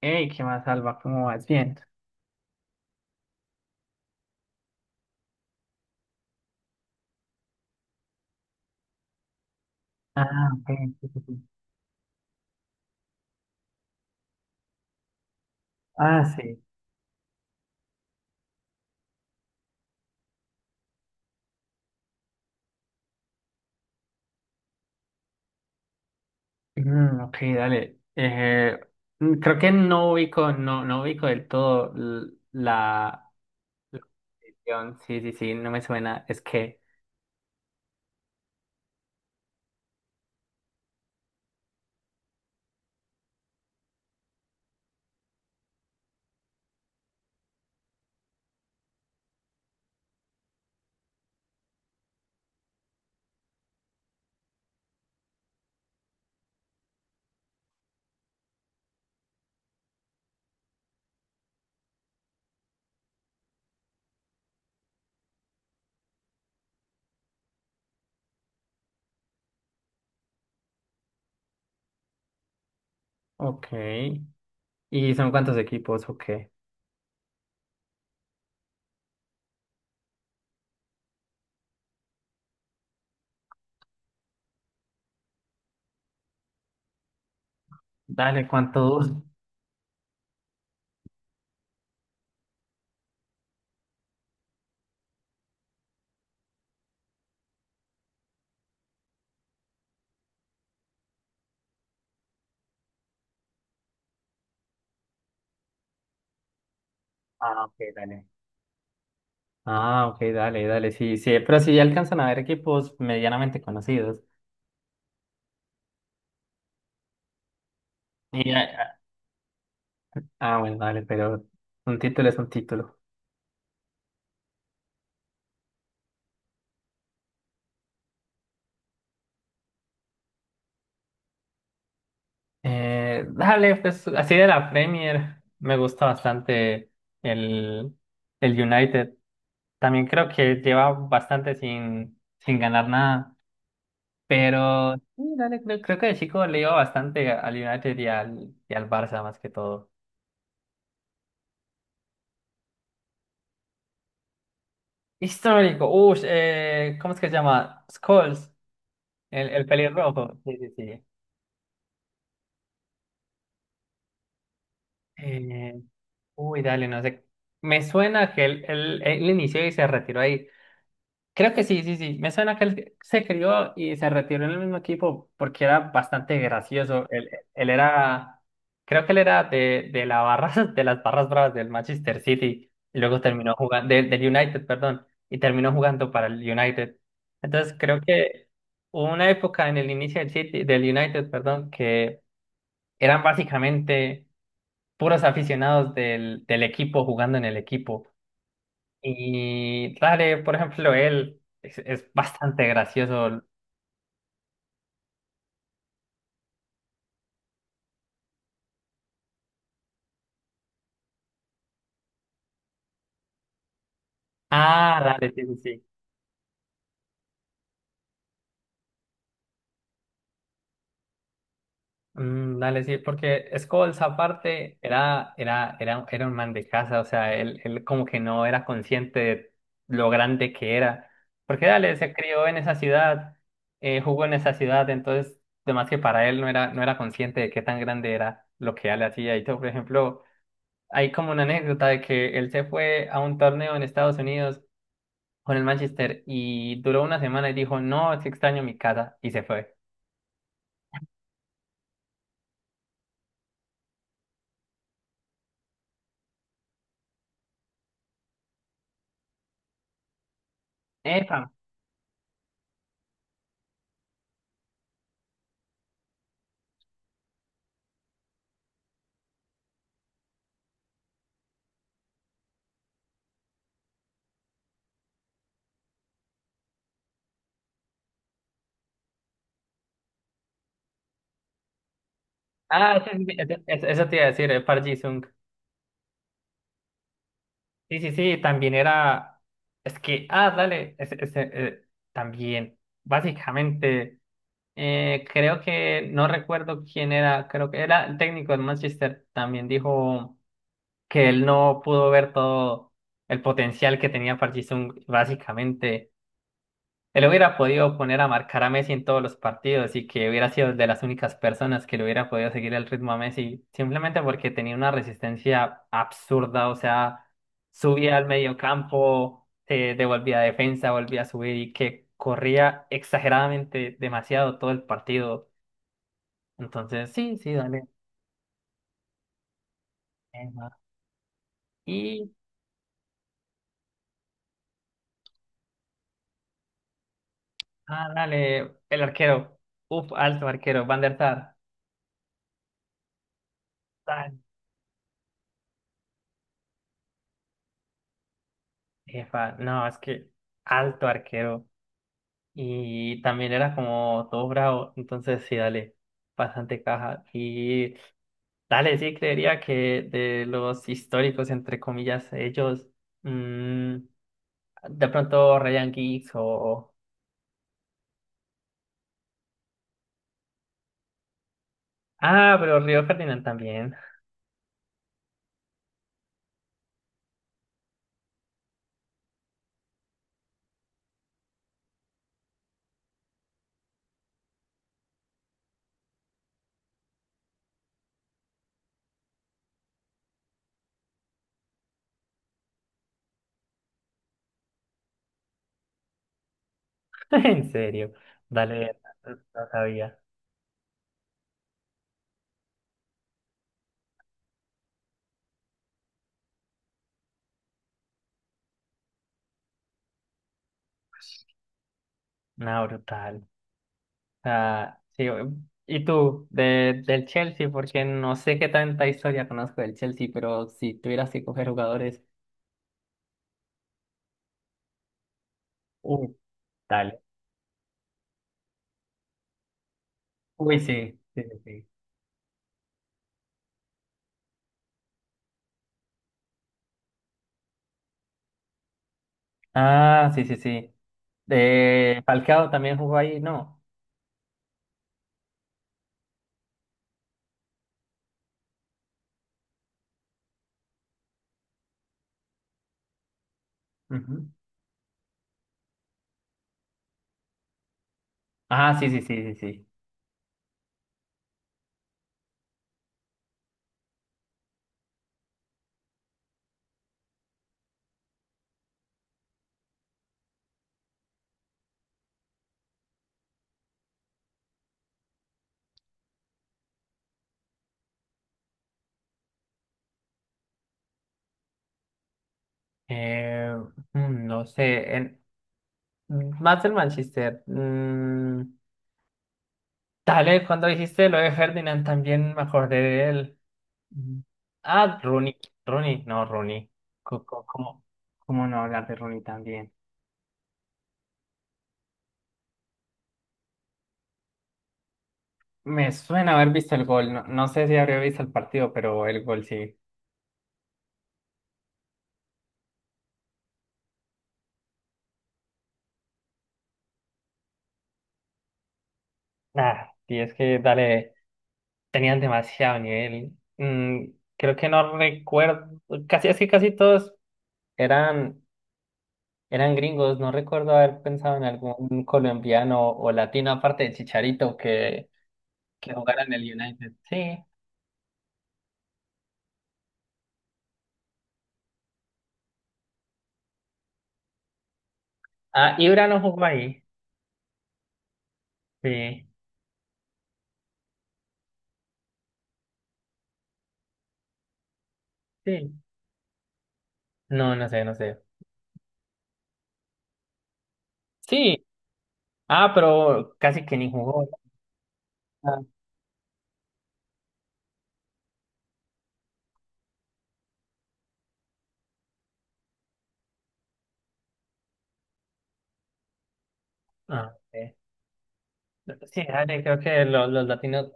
Hey, ¿qué más, Alba? ¿Cómo vas? Bien. Ah, ok, sí, sí, sí. Ah, sí. Mm, ok, dale. Creo que no ubico, no, no ubico del todo la la posición. Sí, sí, sí, no me suena. Es que. Ok. ¿Y son cuántos equipos? Ok. Dale, ¿cuántos? Ah, ok, dale. Ah, ok, dale, dale. Sí, sí, pero sí alcanzan a ver equipos medianamente conocidos. Y, ah, bueno, dale, pero un título es un título. Dale, pues así de la Premier me gusta bastante el, el United. También creo que lleva bastante sin ganar nada, pero sí, dale, creo que de chico le iba bastante al United y al Barça más que todo. Histórico, uff, ¿cómo es que se llama? Scholes, el pelirrojo. Sí, sí, sí. Eh, Dale, no sé. Me suena que él inició y se retiró ahí. Creo que sí, sí, sí. Me suena que él se crió y se retiró en el mismo equipo porque era bastante gracioso. Él era, creo que él era de la barra, de las barras bravas del Manchester City y luego terminó jugando, del United, perdón, y terminó jugando para el United. Entonces creo que hubo una época en el inicio del City, del United, perdón, que eran básicamente puros aficionados del equipo jugando en el equipo. Y dale, por ejemplo, es bastante gracioso. Ah, dale, sí, sí, sí. Mm, dale, sí, porque Scholes aparte era un man de casa, o sea, él como que no era consciente de lo grande que era. Porque dale, se crió en esa ciudad, jugó en esa ciudad, entonces, además que para él no era consciente de qué tan grande era lo que él hacía. Y todo, por ejemplo, hay como una anécdota de que él se fue a un torneo en Estados Unidos con el Manchester y duró una semana y dijo, no, es que extraño mi casa y se fue. Epa. Ah, ese es- ese- ese- eso te iba a decir, Park Ji-sung. Sí, sí, sí, también era, es que, ah, dale, también, básicamente, creo que, no recuerdo quién era, creo que era el técnico del Manchester, también dijo que él no pudo ver todo el potencial que tenía Park Ji-sung, básicamente. Él hubiera podido poner a marcar a Messi en todos los partidos y que hubiera sido de las únicas personas que le hubiera podido seguir el ritmo a Messi, simplemente porque tenía una resistencia absurda, o sea, subía al medio campo, se devolvía a defensa, volvía a subir y que corría exageradamente demasiado todo el partido. Entonces, sí, sí, dale. Neymar. Y, ah, dale, el arquero, uf, alto arquero, Van der Sar. Tan, jefa, no, es que alto arquero. Y también era como todo bravo, entonces sí, dale, bastante caja. Y dale, sí, creería que de los históricos, entre comillas, ellos, mm, de pronto Ryan Giggs o... Ah, pero Río Ferdinand también, en serio, dale, no sabía, nada brutal. Ah, sí, y tú, del Chelsea, porque no sé qué tanta historia conozco del Chelsea, pero si tuvieras que coger jugadores, uh, uy, sí, sí, sí, sí. Ah, sí, sí, sí. De Falcao también jugó ahí, ¿no? Ujú. Ah, sí, sí, sí, sí, sí. Eh, no sé, más del Manchester. Mm, dale, cuando dijiste lo de Ferdinand también me acordé de él. Mm. Ah, Rooney, Rooney, no, Rooney. ¿Cómo, cómo no hablar de Rooney también? Me suena haber visto el gol, no, no sé si habría visto el partido, pero el gol sí. Ah, sí, es que dale, tenían demasiado nivel. Mm, creo que no recuerdo, casi así, casi todos eran, eran gringos. No recuerdo haber pensado en algún colombiano o latino, aparte de Chicharito, que jugara en el United. Sí. Ah, Ibra no jugó ahí. Sí, sí. No, no sé, no sé. Sí. Ah, pero casi que ni jugó. Ah, ah, sí. Sí, dale, creo que los latinos,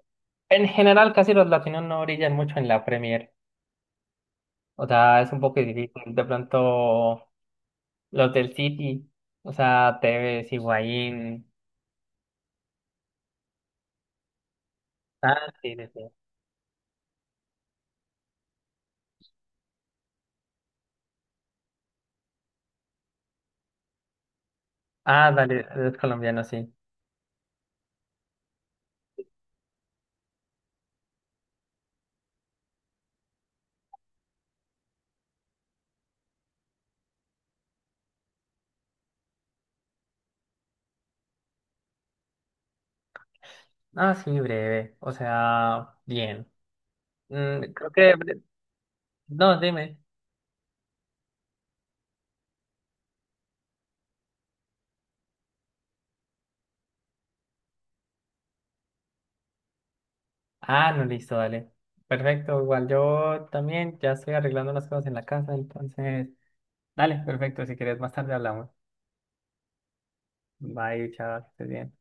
en general, casi los latinos no brillan mucho en la Premier. O sea, es un poco difícil. De pronto, los del City, o sea, Tevez, Higuaín. Ah, sí, sí, sí. Ah, dale, los colombiano sí. Ah, sí, breve. O sea, bien. Mm, creo que. Bre- no, dime. Ah, no, listo, dale. Perfecto, igual yo también ya estoy arreglando unas cosas en la casa, entonces. Dale, perfecto. Si quieres, más tarde hablamos. Bye, chao, que estés bien.